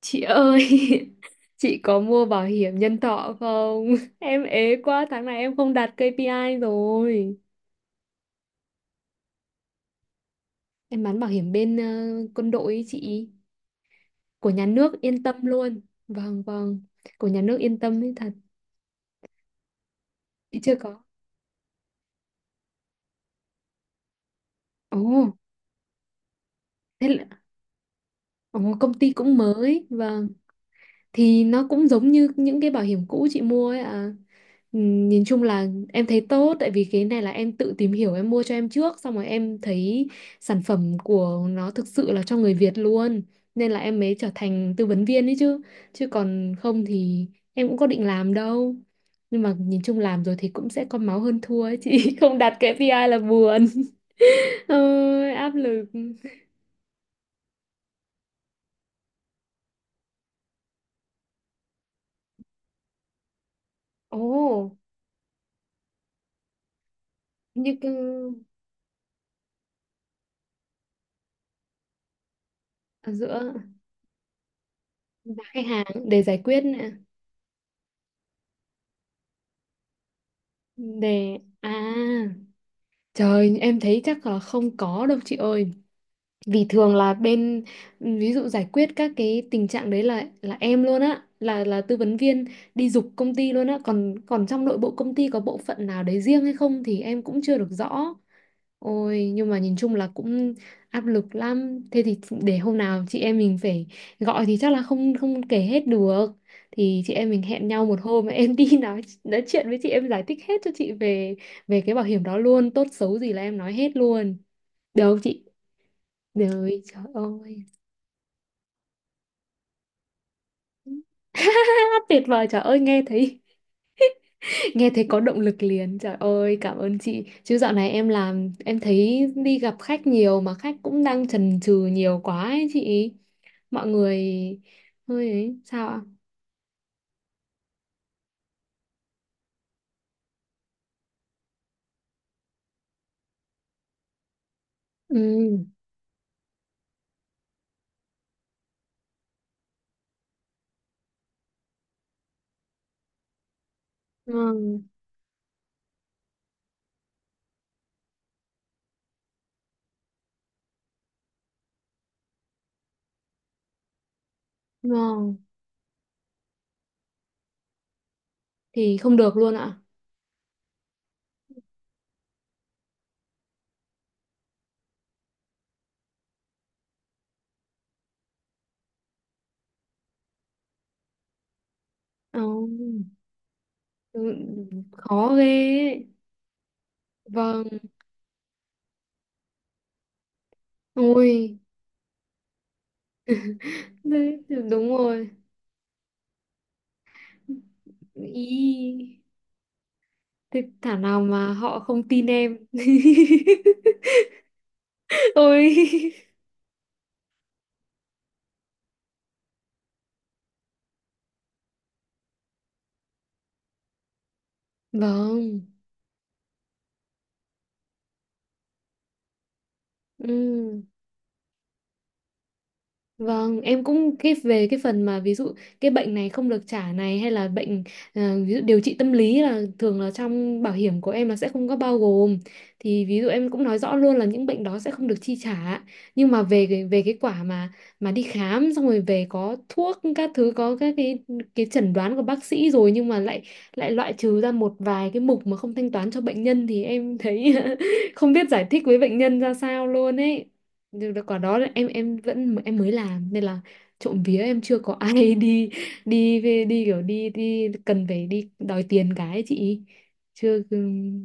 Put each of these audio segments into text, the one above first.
Chị ơi, chị có mua bảo hiểm nhân thọ không? Em ế quá, tháng này em không đạt KPI rồi. Em bán bảo hiểm bên quân đội ấy chị, của nhà nước yên tâm luôn. Vâng, vâng, của nhà nước yên tâm ấy thật, chị chưa có. Ồ, thế là, ồ, công ty cũng mới, vâng. Thì nó cũng giống như những cái bảo hiểm cũ chị mua ấy à. Nhìn chung là em thấy tốt, tại vì cái này là em tự tìm hiểu em mua cho em trước, xong rồi em thấy sản phẩm của nó thực sự là cho người Việt luôn, nên là em mới trở thành tư vấn viên ấy chứ chứ còn không thì em cũng có định làm đâu, nhưng mà nhìn chung làm rồi thì cũng sẽ có máu hơn thua ấy chị. Không đạt cái KPI là buồn. Ôi, áp lực. Ồ, như cái- ở giữa và khách hàng, để giải quyết. Đề à, trời em thấy chắc là không có đâu chị ơi, vì thường là bên ví dụ giải quyết các cái tình trạng đấy là em luôn á, là tư vấn viên đi giục công ty luôn á, còn còn trong nội bộ công ty có bộ phận nào đấy riêng hay không thì em cũng chưa được rõ. Ôi, nhưng mà nhìn chung là cũng áp lực lắm, thế thì để hôm nào chị em mình phải gọi thì chắc là không không kể hết được, thì chị em mình hẹn nhau một hôm em đi nói chuyện với chị, em giải thích hết cho chị về về cái bảo hiểm đó luôn, tốt xấu gì là em nói hết luôn. Được không chị? Rồi trời ơi. Tuyệt vời, trời ơi, nghe thấy. Nghe thấy có động lực liền. Trời ơi, cảm ơn chị. Chứ dạo này em làm em thấy đi gặp khách nhiều, mà khách cũng đang chần chừ nhiều quá ấy chị. Mọi người hơi ấy sao ạ? Ừ, ngon, ngon. Thì không được luôn ạ. Ờ, ừ, khó ghê ấy. Vâng. Ui đấy, đúng rồi. Ý. Thế thảo nào mà họ không tin em. Ôi. Vâng. Ừ. Vâng, em cũng cái về cái phần mà ví dụ cái bệnh này không được trả này, hay là bệnh, ờ, ví dụ điều trị tâm lý, là thường là trong bảo hiểm của em là sẽ không có bao gồm. Thì ví dụ em cũng nói rõ luôn là những bệnh đó sẽ không được chi trả. Nhưng mà về cái quả mà đi khám xong rồi về có thuốc các thứ, có các cái chẩn đoán của bác sĩ rồi, nhưng mà lại lại loại trừ ra một vài cái mục mà không thanh toán cho bệnh nhân, thì em thấy không biết giải thích với bệnh nhân ra sao luôn ấy. Được quả đó là em vẫn, em mới làm nên là trộm vía em chưa có ai đi đi về, đi kiểu đi đi cần phải đi đòi tiền cái ấy chị, chưa. Ừ,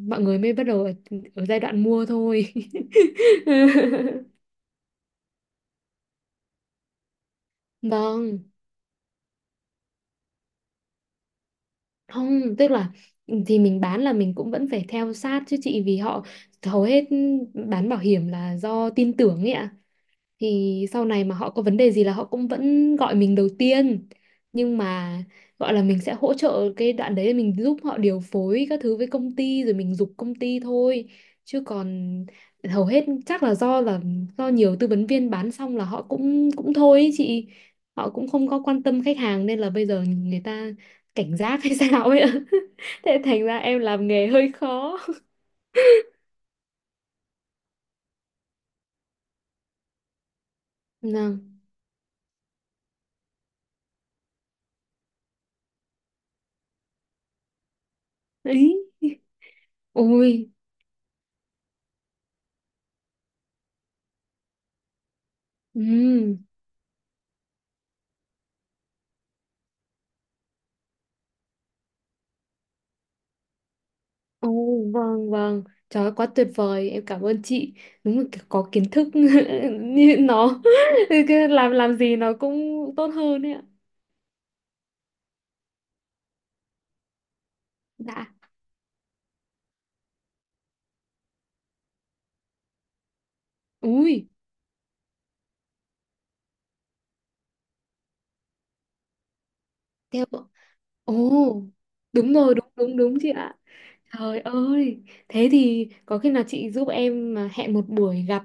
mọi người mới bắt đầu ở giai đoạn mua thôi. Vâng, không tức là ừ, thì mình bán là mình cũng vẫn phải theo sát chứ chị, vì họ hầu hết bán bảo hiểm là do tin tưởng ấy ạ, thì sau này mà họ có vấn đề gì là họ cũng vẫn gọi mình đầu tiên, nhưng mà gọi là mình sẽ hỗ trợ cái đoạn đấy, mình giúp họ điều phối các thứ với công ty rồi mình giục công ty thôi, chứ còn hầu hết chắc là do là do nhiều tư vấn viên bán xong là họ cũng cũng thôi ý chị, họ cũng không có quan tâm khách hàng nên là bây giờ người ta cảnh giác hay sao ấy ạ. Thế thành ra em làm nghề hơi khó. Nào. Ấy. Ôi. Ừ. Ồ, vâng, vâng. Trời ơi, quá tuyệt vời. Em cảm ơn chị. Đúng là kiểu có kiến thức như nó. Cứ làm gì nó cũng tốt hơn ấy ạ. Dạ. Ui, theo. Ồ, đúng rồi, đúng đúng đúng chị ạ. Trời ơi, thế thì có khi nào chị giúp em mà hẹn một buổi gặp,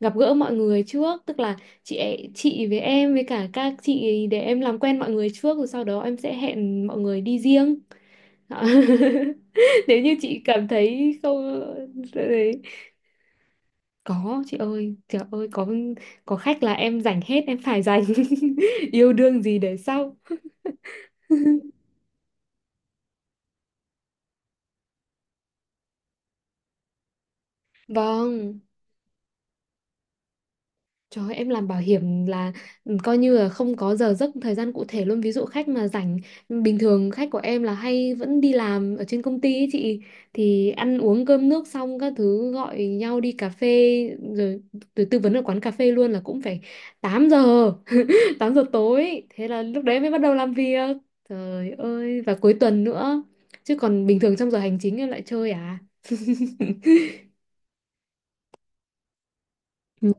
gặp gỡ mọi người trước, tức là chị chị với em với cả các chị, để em làm quen mọi người trước rồi sau đó em sẽ hẹn mọi người đi riêng. Nếu như chị cảm thấy không đấy. Có chị ơi, trời ơi, có khách là em dành hết, em phải dành. Yêu đương gì để sau. Vâng. Trời ơi, em làm bảo hiểm là ừ, coi như là không có giờ giấc thời gian cụ thể luôn, ví dụ khách mà rảnh, bình thường khách của em là hay vẫn đi làm ở trên công ty ấy chị, thì ăn uống cơm nước xong các thứ gọi nhau đi cà phê rồi, rồi tư vấn ở quán cà phê luôn là cũng phải 8 giờ 8 giờ tối, thế là lúc đấy mới bắt đầu làm việc, trời ơi, và cuối tuần nữa, chứ còn bình thường trong giờ hành chính em lại chơi à. Ừ.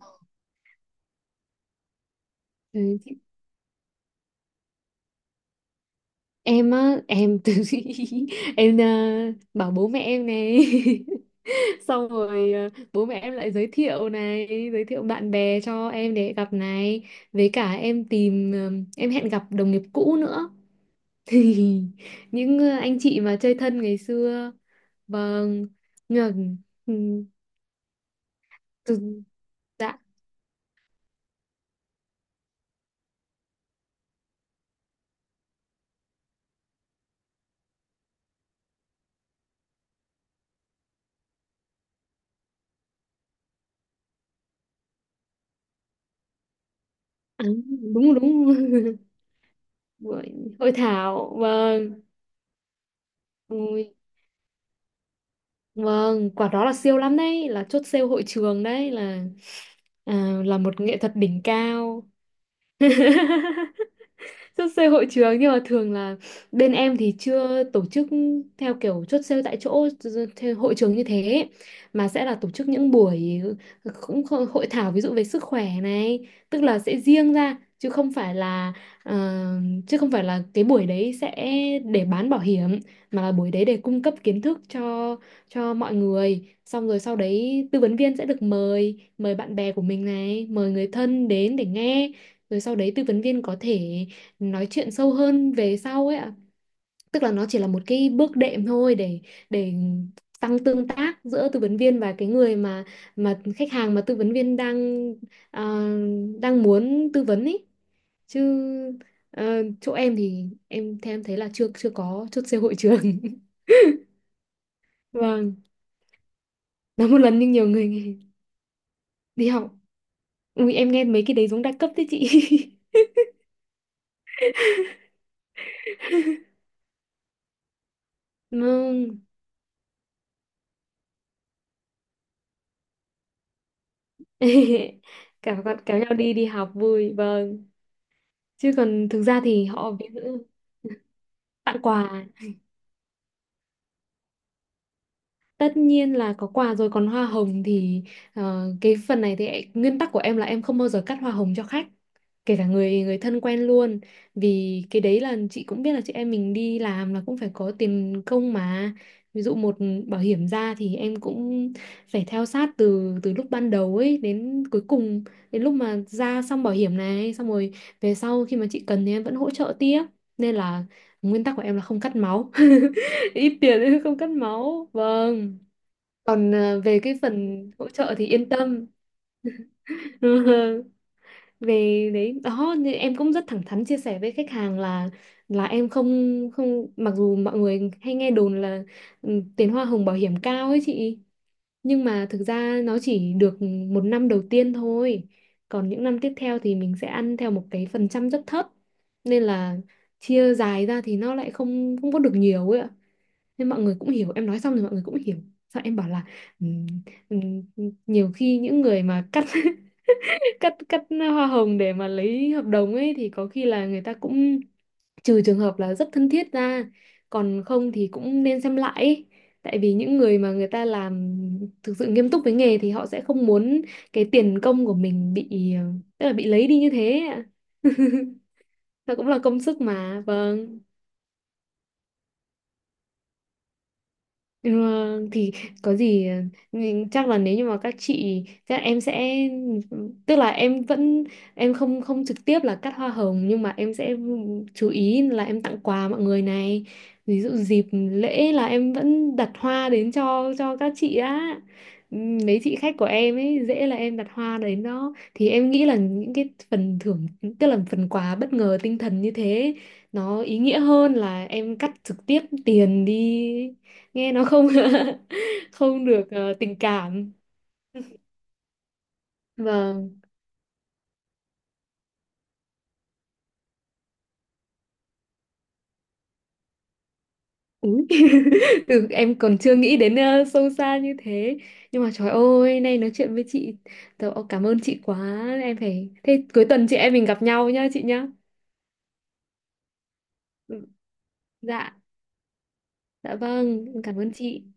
Ừ, thì em á em từ em, bảo bố mẹ em này, xong rồi bố mẹ em lại giới thiệu này, giới thiệu bạn bè cho em để gặp này, với cả em tìm, em hẹn gặp đồng nghiệp cũ nữa, thì những anh chị mà chơi thân ngày xưa. Vâng. Nhưng mà, ừm, dạ. À, đúng đúng. Buổi hội thảo. Vâng. Ui, vâng, quả đó là siêu lắm đấy, là chốt sale hội trường đấy, là à, là một nghệ thuật đỉnh cao. Chốt sale hội trường, nhưng mà thường là bên em thì chưa tổ chức theo kiểu chốt sale tại chỗ theo hội trường như thế, mà sẽ là tổ chức những buổi cũng hội thảo, ví dụ về sức khỏe này, tức là sẽ riêng ra chứ không phải là, ờ, chứ không phải là cái buổi đấy sẽ để bán bảo hiểm, mà là buổi đấy để cung cấp kiến thức cho mọi người, xong rồi sau đấy tư vấn viên sẽ được mời mời bạn bè của mình này, mời người thân đến để nghe, rồi sau đấy tư vấn viên có thể nói chuyện sâu hơn về sau ấy ạ, tức là nó chỉ là một cái bước đệm thôi để tăng tương tác giữa tư vấn viên và cái người mà khách hàng mà tư vấn viên đang, à, đang muốn tư vấn ấy, chứ, ờ, chỗ em thì em theo em thấy là chưa chưa có chốt sale hội trường. Vâng. Nói một lần nhưng nhiều người nghe. Đi học. Ui em nghe mấy cái đấy giống đa cấp đấy chị. Vâng. kéo kéo nhau đi đi học vui, vâng, chứ còn thực ra thì họ ví dụ tặng quà. Tất nhiên là có quà rồi, còn hoa hồng thì, cái phần này thì nguyên tắc của em là em không bao giờ cắt hoa hồng cho khách, kể cả người người thân quen luôn, vì cái đấy là chị cũng biết là chị em mình đi làm là cũng phải có tiền công mà, ví dụ một bảo hiểm ra thì em cũng phải theo sát từ từ lúc ban đầu ấy đến cuối cùng, đến lúc mà ra xong bảo hiểm này xong rồi về sau khi mà chị cần thì em vẫn hỗ trợ tiếp, nên là nguyên tắc của em là không cắt máu, ít tiền nên không cắt máu, vâng. Còn về cái phần hỗ trợ thì yên tâm. Về đấy đó, nên em cũng rất thẳng thắn chia sẻ với khách hàng là em không, mặc dù mọi người hay nghe đồn là ừ, tiền hoa hồng bảo hiểm cao ấy chị, nhưng mà thực ra nó chỉ được một năm đầu tiên thôi, còn những năm tiếp theo thì mình sẽ ăn theo một cái phần trăm rất thấp, nên là chia dài ra thì nó lại không không có được nhiều ấy ạ, nên mọi người cũng hiểu, em nói xong rồi mọi người cũng hiểu, sao em bảo là "Ừm, ừm, nhiều khi những người mà cắt cắt cắt hoa hồng để mà lấy hợp đồng ấy thì có khi là người ta cũng, trừ trường hợp là rất thân thiết ra, còn không thì cũng nên xem lại ấy. Tại vì những người mà người ta làm thực sự nghiêm túc với nghề thì họ sẽ không muốn cái tiền công của mình bị, tức là bị lấy đi như thế ạ. Nó cũng là công sức mà, vâng. Ừ, thì có gì, ừ, mình chắc là nếu như mà các chị, chắc em sẽ, tức là em vẫn, em không không trực tiếp là cắt hoa hồng, nhưng mà em sẽ chú ý là em tặng quà mọi người này, ví dụ dịp lễ là em vẫn đặt hoa đến cho các chị á. Ừ, mấy chị khách của em ấy, dễ là em đặt hoa đến đó thì em nghĩ là những cái phần thưởng, tức là phần quà bất ngờ tinh thần như thế, nó ý nghĩa hơn là em cắt trực tiếp tiền đi, nghe nó không không được, tình cảm và. Úi từ em còn chưa nghĩ đến, sâu xa như thế, nhưng mà trời ơi, nay nói chuyện với chị tớ, ô, cảm ơn chị quá, em phải thế, cuối tuần chị em mình gặp nhau nhá chị nhá. Ừ, dạ, dạ, vâng, em cảm ơn chị.